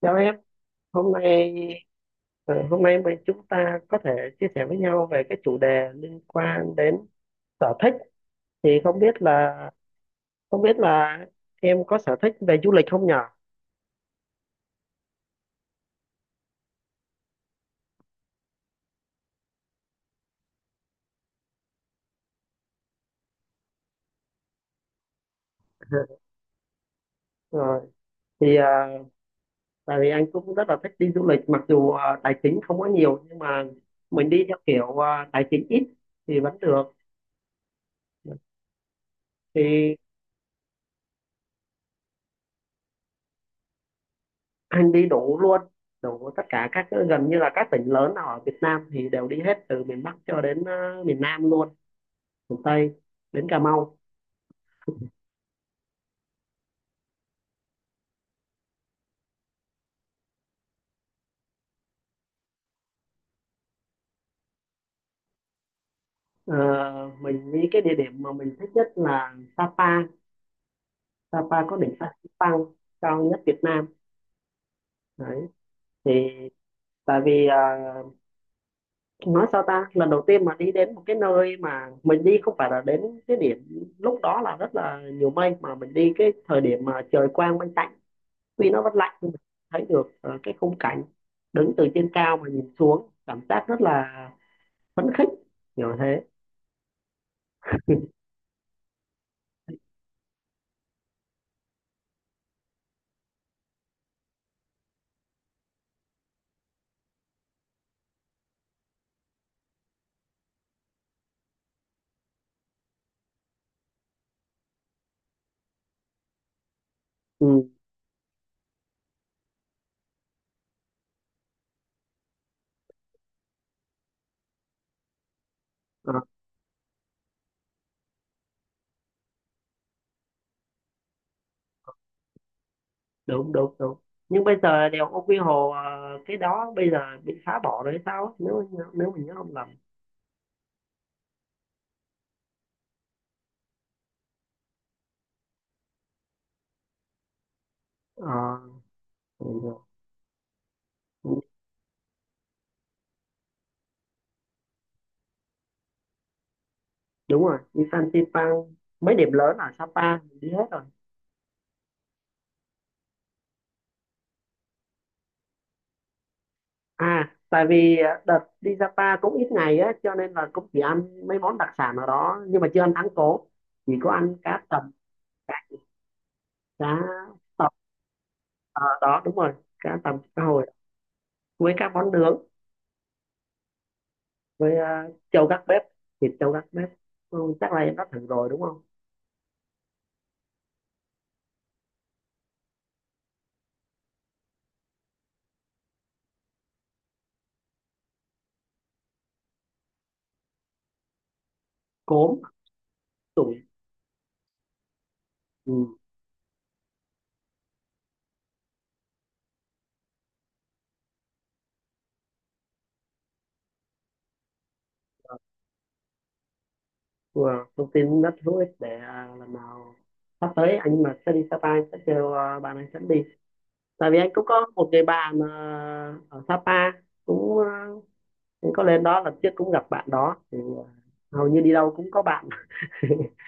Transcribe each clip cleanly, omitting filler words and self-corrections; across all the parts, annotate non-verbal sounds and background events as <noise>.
Chào em, hôm nay hôm nay mình chúng ta có thể chia sẻ với nhau về cái chủ đề liên quan đến sở thích thì không biết là không biết là em có sở thích về du lịch không nhở? <laughs> Rồi thì tại vì anh cũng rất là thích đi du lịch mặc dù tài chính không có nhiều nhưng mà mình đi theo kiểu tài chính ít thì vẫn được. Thì anh đi đủ luôn, đủ tất cả các, gần như là các tỉnh lớn ở Việt Nam thì đều đi hết, từ miền Bắc cho đến miền Nam luôn, miền Tây, đến Cà Mau. Ờ, mình nghĩ cái địa điểm mà mình thích nhất là Sapa. Sapa có đỉnh Phan cao nhất Việt Nam đấy. Thì tại vì nói sao ta, lần đầu tiên mà đi đến một cái nơi mà mình đi không phải là đến cái điểm lúc đó là rất là nhiều mây, mà mình đi cái thời điểm mà trời quang mây tạnh, tuy nó vẫn lạnh nhưng mình thấy được cái khung cảnh, đứng từ trên cao mà nhìn xuống cảm giác rất là phấn khích, kiểu thế. Ừ. Ờ. Đúng đúng đúng, nhưng bây giờ đèo Ô Quy Hồ cái đó bây giờ bị phá bỏ rồi hay sao á, nếu nếu mình nhớ không lầm. Ờ, ừ, đúng rồi, đi Fansipan, mấy điểm lớn ở Sapa mình đi hết rồi. À, tại vì đợt đi Sapa cũng ít ngày á cho nên là cũng chỉ ăn mấy món đặc sản ở đó, nhưng mà chưa ăn thắng cố, chỉ có ăn cá tầm, cá, cá tầm ở đó đúng rồi, cá tầm cá hồi với các món nướng, với trâu gác bếp, thịt trâu gác bếp. Ừ, chắc là em đã thử rồi đúng không. Cốm, tụi. Ừ. Wow. Thông tin rất hữu ích để lần nào sắp tới anh mà sẽ đi Sapa anh sẽ kêu bạn anh dẫn đi. Tại vì anh cũng có một người bạn ở Sapa, cũng anh có lên đó lần trước cũng gặp bạn đó thì hầu như đi đâu cũng có bạn. <laughs>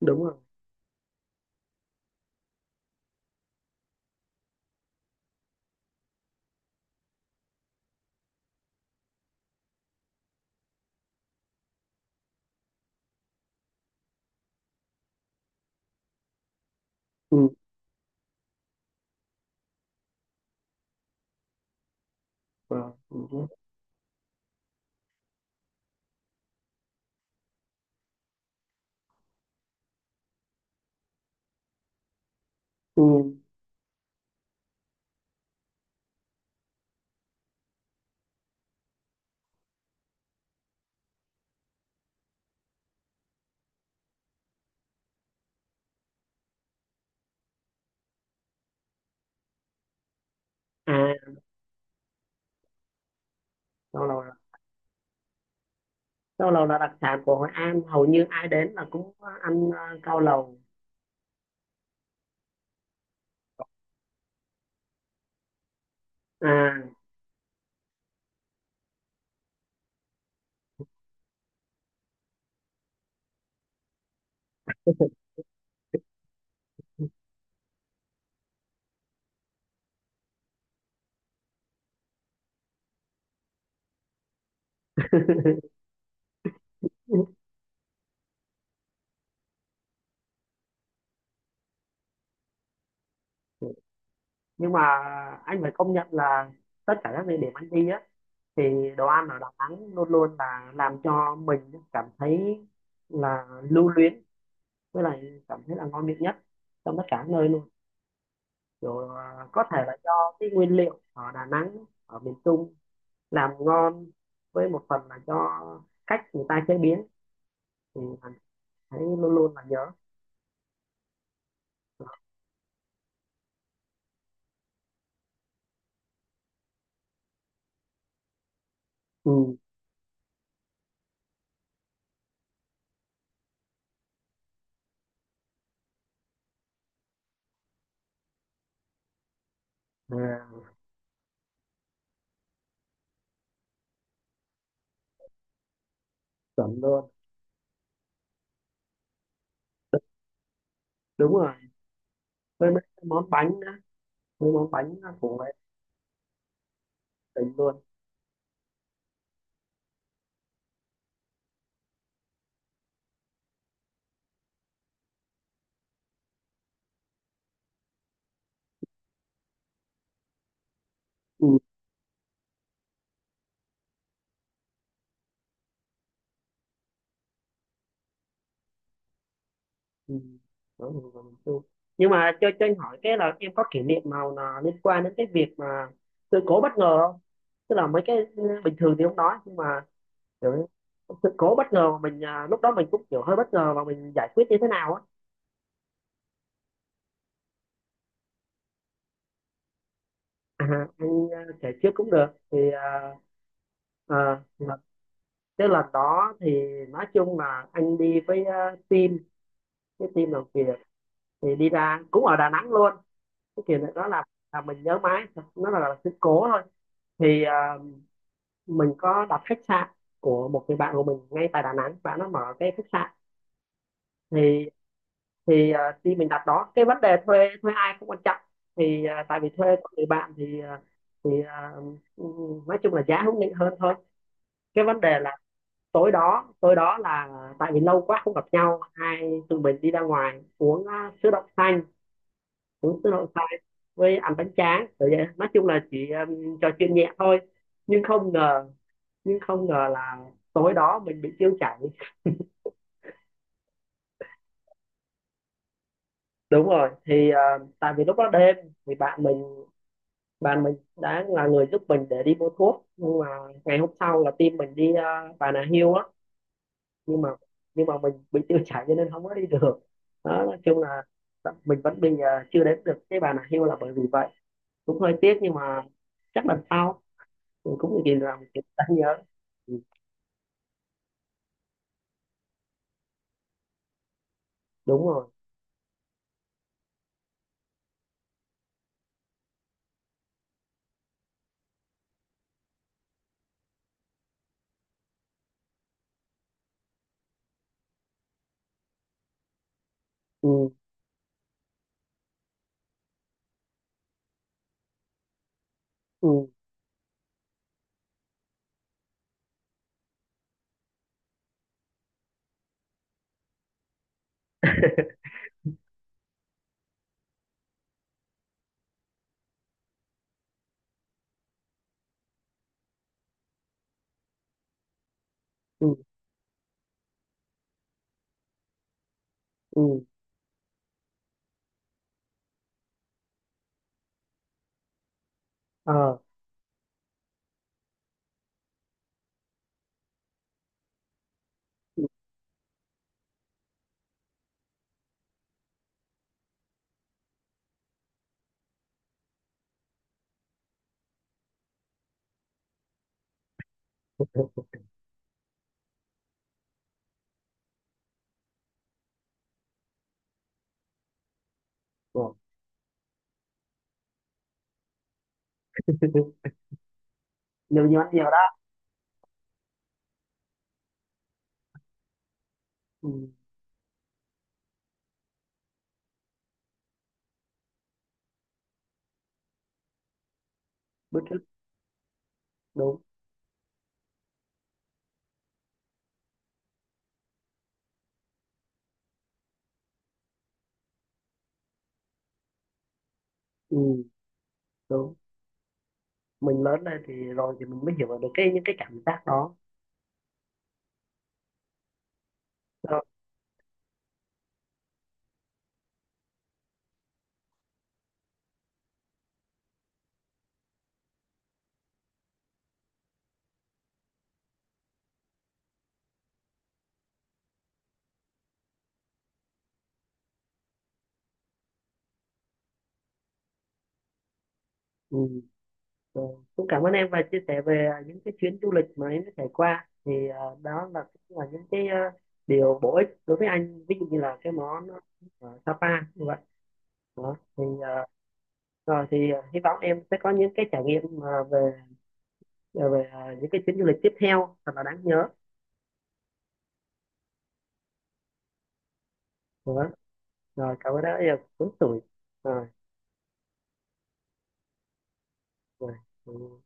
Đúng rồi. Ừ. Wow. Ừ. Ừ. À, cao lầu là, cao lầu là đặc sản của Hội An, hầu như ai đến là cũng ăn cao lầu. À. Ừ. Nhưng mà anh phải công nhận là tất cả các địa điểm anh đi á thì đồ ăn ở Đà Nẵng luôn luôn là làm cho mình cảm thấy là lưu luyến, với lại cảm thấy là ngon miệng nhất trong tất cả nơi luôn. Kiểu có thể là do cái nguyên liệu ở Đà Nẵng, ở miền Trung làm ngon, với một phần là do cách người ta chế biến, thì mình thấy luôn luôn là nhớ. Ừ. À, chuẩn luôn. Đúng rồi, với mấy cái món bánh nữa, với món bánh của tỉnh luôn. Ừ. Ừ. Đó là vào miền Trung. Nhưng mà cho anh hỏi cái là em có kỷ niệm nào là liên quan đến cái việc mà sự cố bất ngờ không? Tức là mấy cái bình thường thì không nói, nhưng mà kiểu sự cố bất ngờ mà mình lúc đó mình cũng kiểu hơi bất ngờ và mình giải quyết như thế nào á. À, anh kể trước cũng được. Thì là cái lần đó thì nói chung là anh đi với team, cái team làm việc, thì đi ra cũng ở Đà Nẵng luôn. Cái kiểu này đó là mình nhớ mãi, nó là sự cố thôi. Thì mình có đặt khách sạn của một người bạn của mình ngay tại Đà Nẵng, bạn nó mở cái khách sạn. Thì khi mình đặt đó cái vấn đề thuê, ai không quan trọng, thì tại vì thuê của người bạn thì thì ờ, nói chung là giá hữu nghị hơn thôi. Cái vấn đề là tối đó, là tại vì lâu quá không gặp nhau, hai tụi mình đi ra ngoài uống sữa đậu xanh, uống sữa đậu xanh với ăn bánh tráng rồi vậy, nói chung là chỉ trò chuyện nhẹ thôi. Nhưng không ngờ, là tối đó mình bị tiêu chảy. Đúng rồi, thì tại vì lúc đó đêm, thì bạn mình, đã là người giúp mình để đi mua thuốc. Nhưng mà ngày hôm sau là team mình đi Bà Nà Hills á, nhưng mà mình bị tiêu chảy cho nên không có đi được. Đó, nói chung là mình vẫn bị chưa đến được cái Bà Nà Hills là bởi vì vậy, cũng hơi tiếc nhưng mà chắc lần sau. Mình cũng nhìn làm mình ta nhớ. Ừ, đúng rồi. Ừ, ừ. <laughs> Ừ, ừ. Ờ. <laughs> Nhiều, nhiều ăn nhiều đó. Ừ. Bứt rứt. Đúng. Ừ. Đúng, mình lớn lên thì rồi thì mình mới hiểu được cái những cái cảm giác đó. Rồi. Ừ. Rồi, cũng cảm ơn em và chia sẻ về những cái chuyến du lịch mà em đã trải qua thì đó là cũng là những cái điều bổ ích đối với anh, ví dụ như là cái món ở Sapa như vậy đó. Thì rồi thì hy vọng em sẽ có những cái trải nghiệm mà về những cái chuyến du lịch tiếp theo thật là đáng nhớ. Đó. Rồi, cảm ơn đã rất là tuổi. Rồi. Rồi. Ừ.